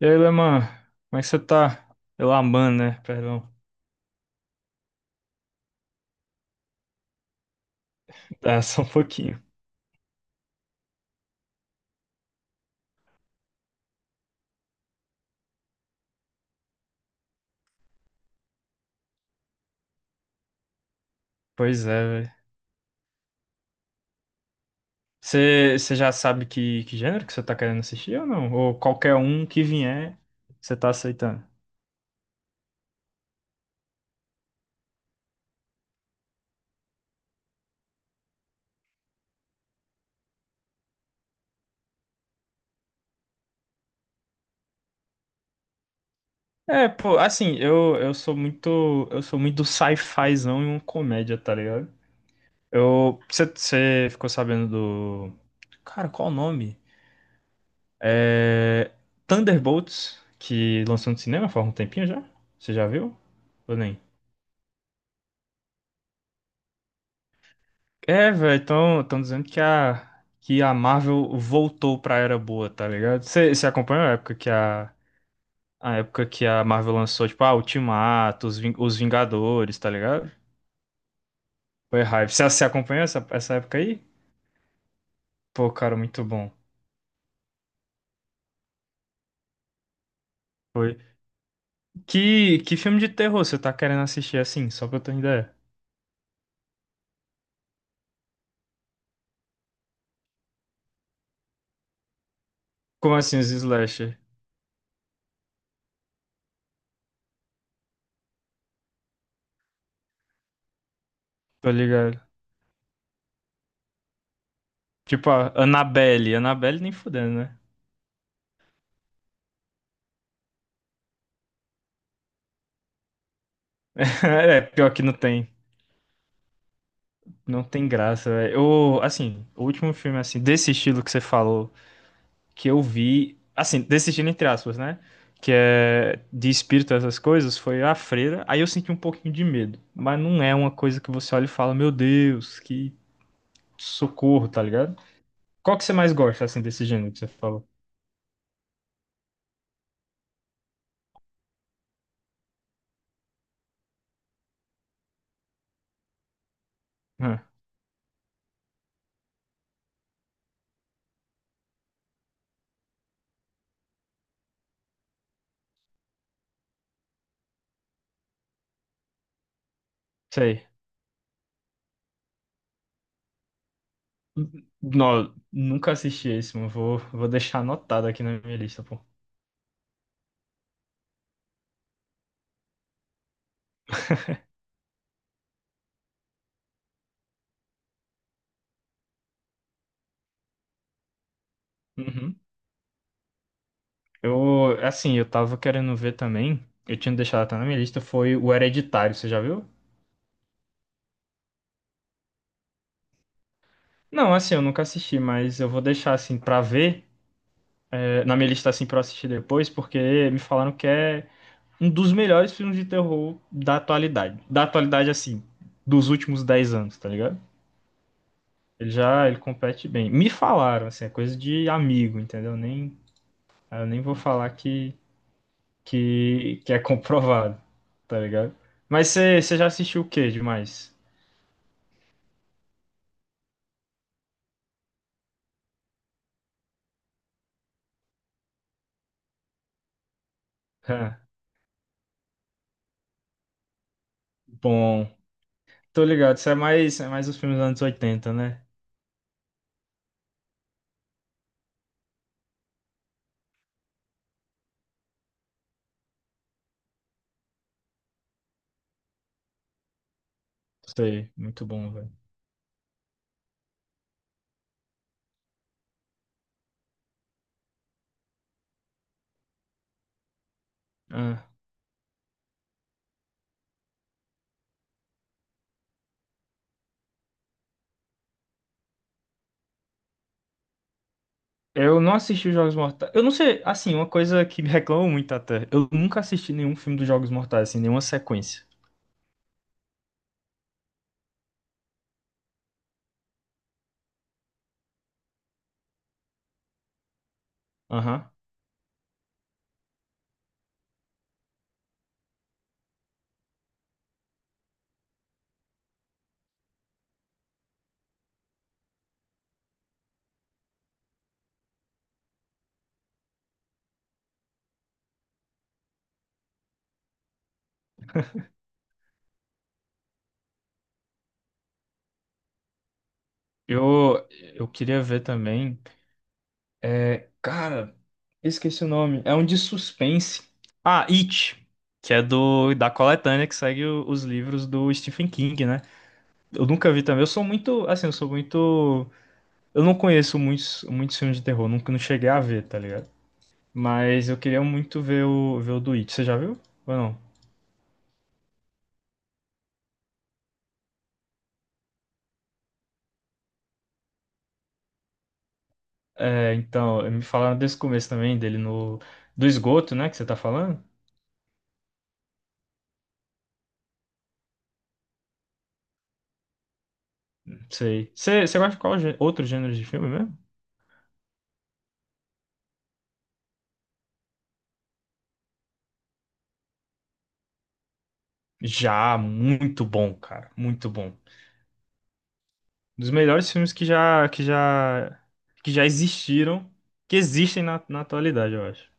E aí, Leman, como é que você tá? Elaman, né? Perdão. Tá, só um pouquinho. Pois é, velho. Você já sabe que gênero que você tá querendo assistir ou não? Ou qualquer um que vier, você tá aceitando? É, pô, assim, eu sou muito, eu sou muito do sci-fizão e uma comédia, tá ligado? Eu, você ficou sabendo do, cara, qual o nome? É, Thunderbolts, que lançou no cinema faz um tempinho já? Você já viu? Ou nem? É, velho, estão tão dizendo que a Marvel voltou pra era boa, tá ligado? Você acompanha a época que a época que a Marvel lançou, tipo, a Ultimato, os, Ving- os Vingadores, tá ligado? Foi hype. Você acompanhou essa época aí? Pô, cara, muito bom. Foi. Que filme de terror você tá querendo assistir assim, só pra eu ter uma ideia? Como assim, os slasher? Tô ligado. Tipo, a Annabelle. Annabelle nem fudendo, né? É, pior que não tem. Não tem graça, velho. Eu, assim, o último filme, assim, desse estilo que você falou, que eu vi, assim, desse estilo entre aspas, né? Que é de espírito, essas coisas, foi A Freira. Aí eu senti um pouquinho de medo. Mas não é uma coisa que você olha e fala, meu Deus, que socorro, tá ligado? Qual que você mais gosta, assim, desse gênero que você falou? Ah, sei. Não, nunca assisti esse, mano. Vou deixar anotado aqui na minha lista, pô. Uhum. Eu, assim, eu tava querendo ver também. Eu tinha deixado até na minha lista, foi o Hereditário, você já viu? Não, assim, eu nunca assisti, mas eu vou deixar assim pra ver, é, na minha lista assim pra eu assistir depois, porque me falaram que é um dos melhores filmes de terror da atualidade. Da atualidade, assim, dos últimos 10 anos, tá ligado? Ele já, ele compete bem. Me falaram, assim, é coisa de amigo, entendeu? Nem, eu nem vou falar que é comprovado, tá ligado? Mas você já assistiu o que demais? Bom, tô ligado. Isso é mais os filmes dos anos oitenta, né? Sei, muito bom, velho. Ah, eu não assisti os Jogos Mortais. Eu não sei, assim, uma coisa que me reclamam muito até. Eu nunca assisti nenhum filme dos Jogos Mortais, assim, nenhuma sequência. Aham. Eu, eu queria ver também. É, cara, esqueci o nome. É um de suspense. Ah, It, que é do da coletânea que segue o- os livros do Stephen King, né? Eu nunca vi também. Eu sou muito, assim, eu sou muito. Eu não conheço muitos, muitos filmes de terror, nunca não cheguei a ver, tá ligado? Mas eu queria muito ver o, ver o do It. Você já viu? Ou não? É, então, me falaram desse começo também, dele no... Do esgoto, né, que você tá falando? Sei. Você, você gosta de qual gê- outro gênero de filme mesmo? Já, muito bom, cara. Muito bom. Um dos melhores filmes que já, que já, que já existiram, que existem na, na atualidade, eu acho.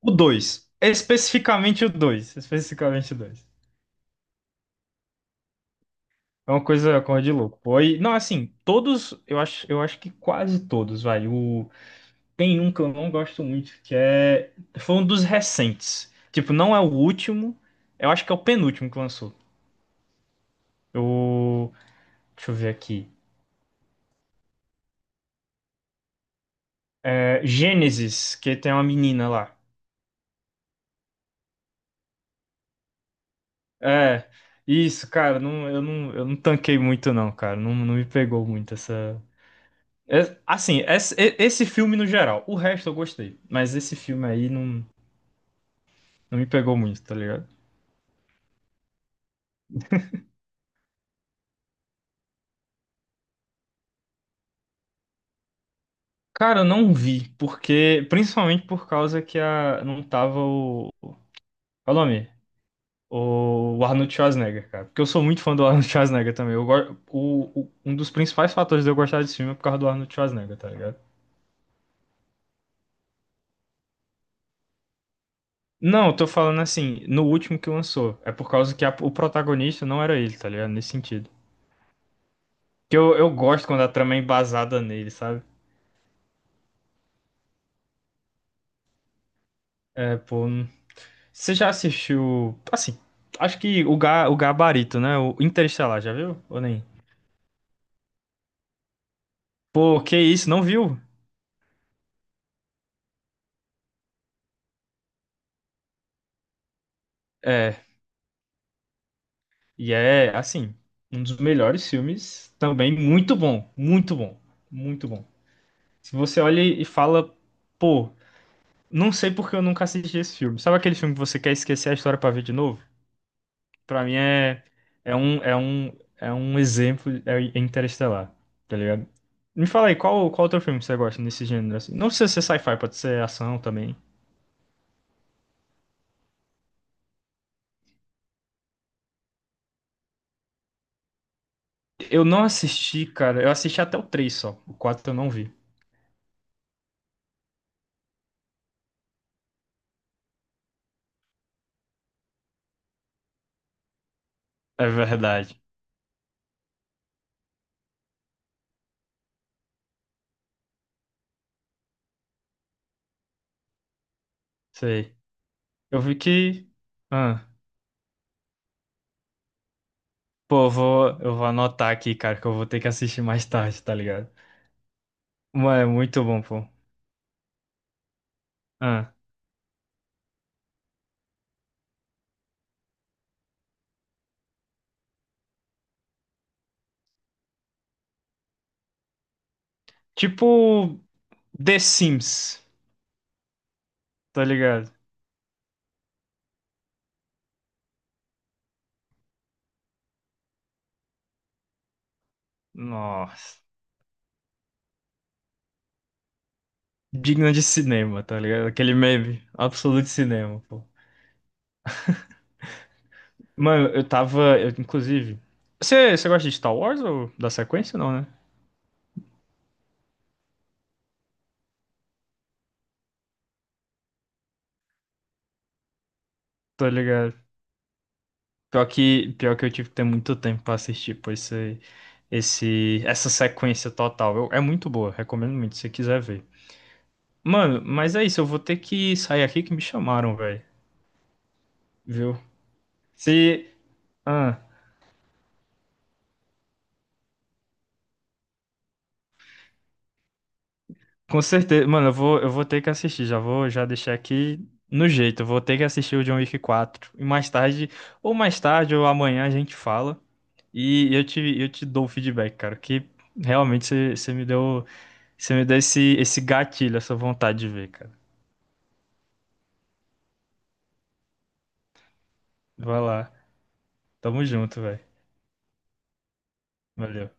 O 2, especificamente o 2, especificamente o 2. É uma coisa, coisa de louco. Pô. E, não, assim, todos, eu acho que quase todos, vai. O, tem um que eu não gosto muito, que é. Foi um dos recentes. Tipo, não é o último. Eu acho que é o penúltimo que lançou. O. Deixa eu ver aqui. É, Gênesis, que tem uma menina lá. É. Isso, cara, não, eu não, eu não tanquei muito, não, cara. Não, não me pegou muito essa. É- assim, esse filme no geral. O resto eu gostei. Mas esse filme aí não, não me pegou muito, tá ligado? Cara, eu não vi, porque principalmente por causa que a, não tava o. Qual é o nome? O Arnold Schwarzenegger, cara. Porque eu sou muito fã do Arnold Schwarzenegger também. Eu, go- o- um dos principais fatores de eu gostar desse filme é por causa do Arnold Schwarzenegger, tá ligado? Não, eu tô falando assim, no último que lançou. É por causa que a- o protagonista não era ele, tá ligado? Nesse sentido. Que eu gosto quando a trama é embasada nele, sabe? É, pô. Não- você já assistiu. Assim, acho que o, ga, o Gabarito, né? O Interestelar, já viu? Ou nem? Pô, que isso, não viu? É, e é assim, um dos melhores filmes também, muito bom, muito bom, muito bom. Se você olha e fala, pô, não sei porque eu nunca assisti esse filme. Sabe aquele filme que você quer esquecer a história pra ver de novo? Pra mim é, é um, é um, é um exemplo, é Interestelar, tá ligado? Me fala aí, qual, qual outro filme você gosta nesse gênero? Assim? Não precisa ser sci-fi, pode ser ação também. Eu não assisti, cara, eu assisti até o 3 só, o 4 eu não vi. É verdade. Sei. Eu fiquei. Ah, pô, eu vou anotar aqui, cara, que eu vou ter que assistir mais tarde, tá ligado? Mas é muito bom, pô. Ah, tipo The Sims, tá ligado? Nossa, digno de cinema, tá ligado? Aquele meme, absoluto cinema, pô. Mano, eu tava, eu, inclusive. Você, você gosta de Star Wars ou da sequência, não, né? Tá ligado? Pior que eu tive que ter muito tempo pra assistir, pô, essa sequência total. Eu- é muito boa, recomendo muito, se você quiser ver. Mano, mas é isso, eu vou ter que sair aqui que me chamaram, velho. Viu? Se. Ah, com certeza. Mano, eu vou ter que assistir. Já vou já deixar aqui no jeito. Eu vou ter que assistir o John Wick 4. E mais tarde, ou amanhã a gente fala. E eu te dou o feedback, cara. Que realmente você me deu. Você me deu esse, esse gatilho, essa vontade de ver, cara. Vai lá. Tamo junto, velho. Valeu.